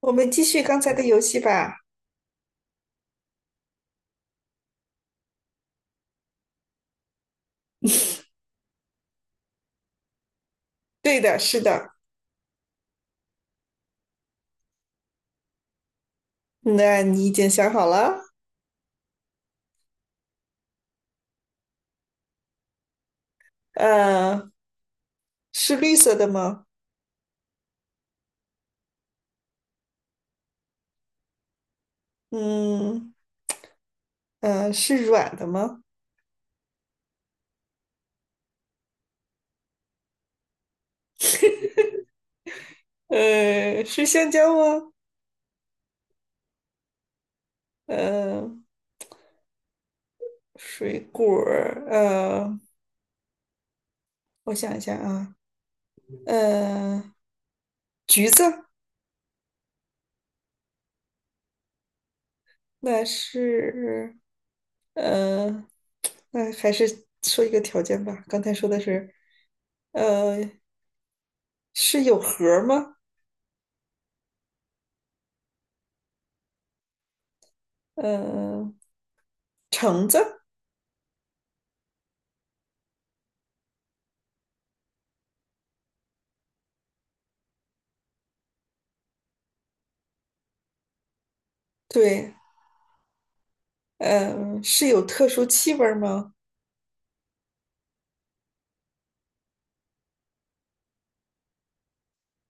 我们继续刚才的游戏吧。对的，是的。那你已经想好了？呃，是绿色的吗？嗯，是软的吗？是香蕉吗？呃，水果儿我想一下啊，呃，橘子，那是，呃，那还是说一个条件吧。刚才说的是，呃，是有核儿吗？呃，橙子，对，嗯，是有特殊气味儿吗？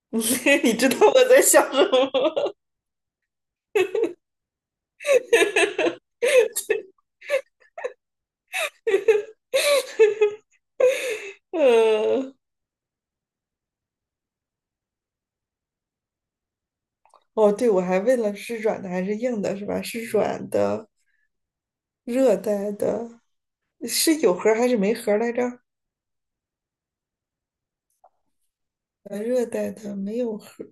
你知道我在想什么？呃，哦，对，我还问了是软的还是硬的，是吧？是软的，热带的，是有核儿还是没核儿来着？热带的没有核儿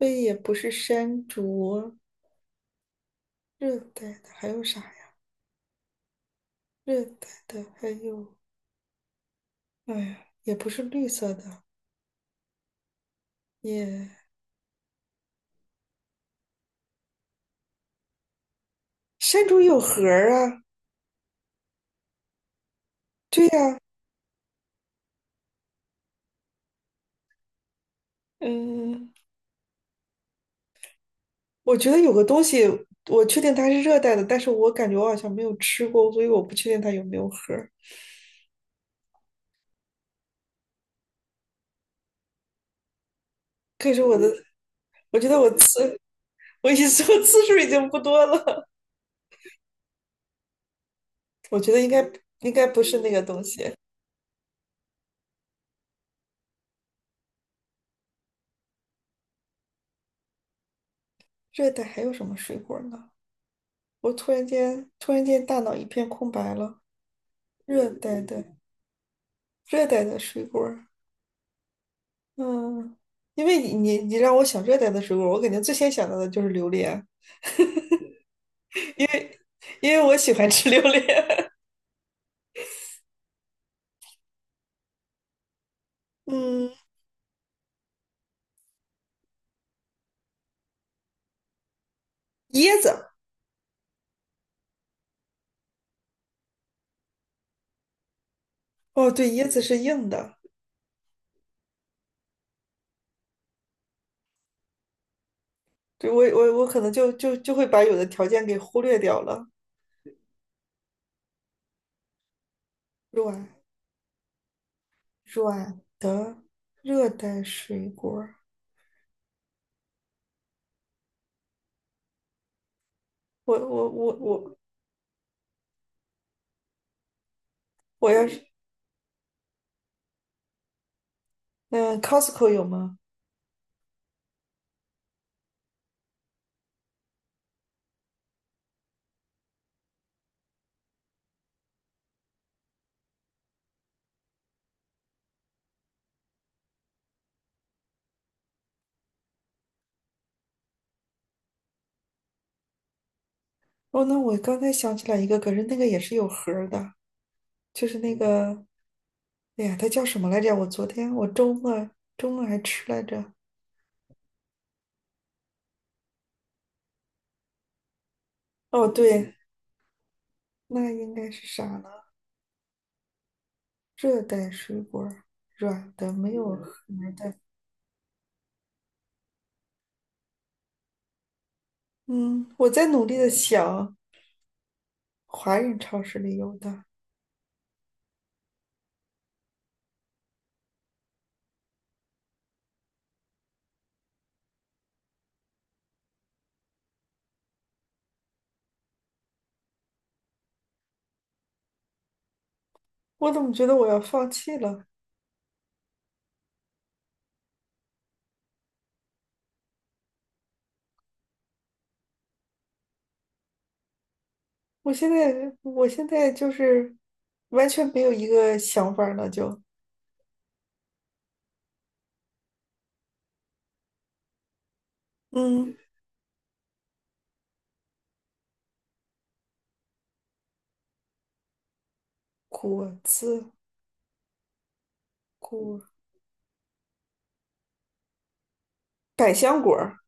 c 也不是山竹，热带的还有啥呀？热带的还有，哎呀，也不是绿色的，也山竹有核儿啊。对呀，嗯。我觉得有个东西，我确定它是热带的，但是我感觉我好像没有吃过，所以我不确定它有没有核儿。可以说我的，我觉得我次，我次数已经不多了。我觉得应该，应该不是那个东西。热带还有什么水果呢？我突然间突然间大脑一片空白了。热带的，水果儿，嗯，因为你让我想热带的水果儿，我肯定最先想到的就是榴莲，因为，因为我喜欢吃榴莲。嗯，椰子。哦，对，椰子是硬的，对，我可能就会把有的条件给忽略掉了。软，软的热带水果儿，我我要是，嗯，Costco 有吗？哦，那我刚才想起来一个，可是那个也是有核的，就是那个，哎呀，它叫什么来着？我昨天我周末，周末还吃来着。哦，对，那应该是啥呢？热带水果儿，软的，没有核。的。嗯，我在努力的想，华人超市里有的，我怎么觉得我要放弃了？我现在，我现在就是完全没有一个想法儿了，就嗯，果子，果，百香果儿，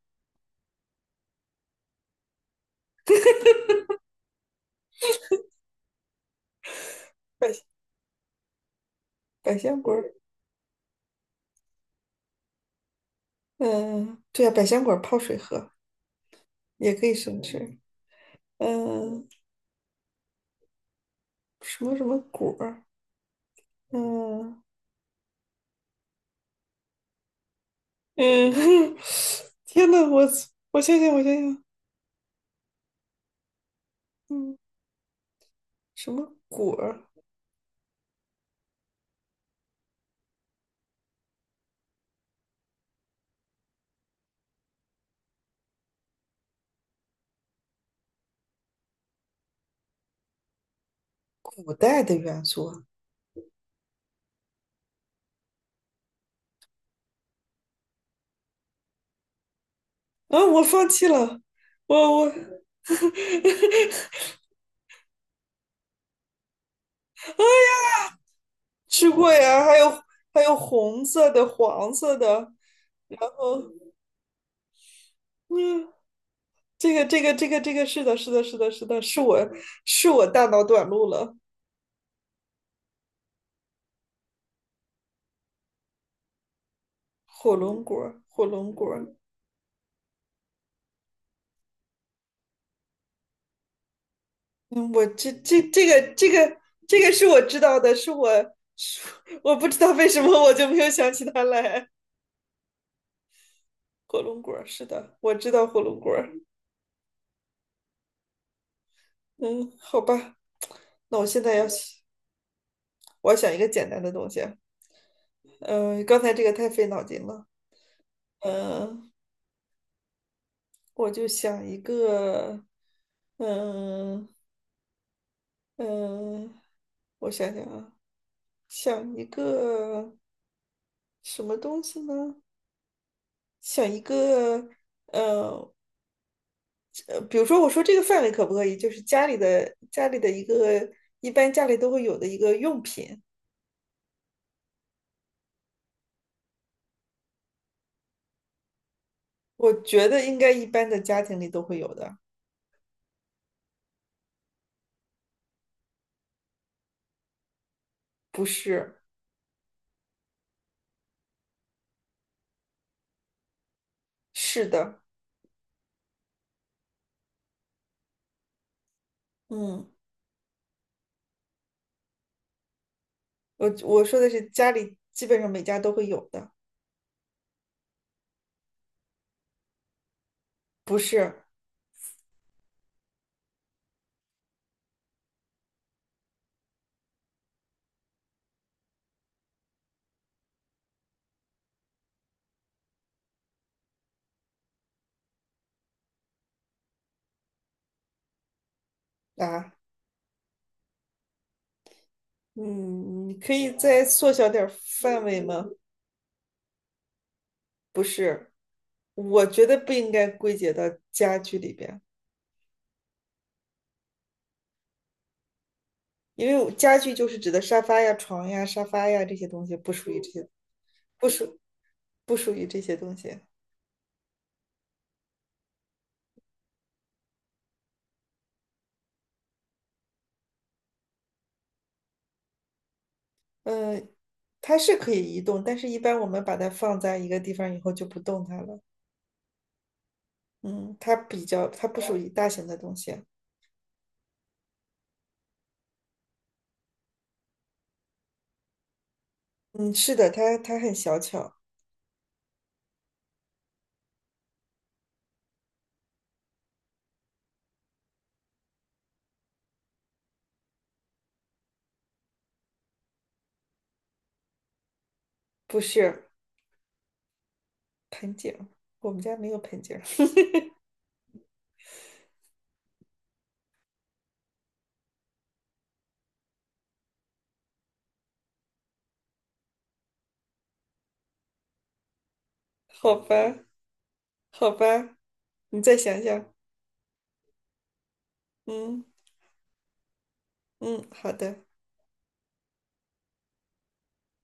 百百香果儿，嗯，对啊，百香果儿泡水喝也可以生吃，嗯，什么什么果儿，嗯，嗯，天呐，我，我想想，嗯，什么果儿？古代的元素。啊，我放弃了，我吃过呀，还有，还有红色的、黄色的，哦，嗯，这个这个是的，是的，是的，是的，是我，是我大脑短路了，火龙果儿，嗯，我，这个，这个是我知道的，是我，是我不知道为什么我就没有想起它来，火龙果儿，是的，我知道火龙果儿，嗯，好吧，那我现在要，我要想一个简单的东西。嗯，刚才这个太费脑筋了。呃，我就想一个，嗯、嗯、我想想啊，想一个什么东西呢？想一个，呃比如说我说这个范围可不可以？就是家里的，家里的一个，一般家里都会有的一个用品，我觉得应该一般的家庭里都会有的，不是？是的，嗯，我我说的是家里基本上每家都会有的，不是。啊，嗯，你可以再缩小点儿范围吗？不是，我觉得不应该归结到家具里边，因为我家具就是指的沙发呀、床呀、沙发呀这些东西，不属于这些，不属不属于这些东西。嗯，它是可以移动，但是一般我们把它放在一个地方以后就不动它了。嗯，它比较，它不属于大型的东西。嗯，是的，它它很小巧，不是，盆景儿，我们家没有盆景儿，好吧。好吧，你再想想。嗯，嗯，好的。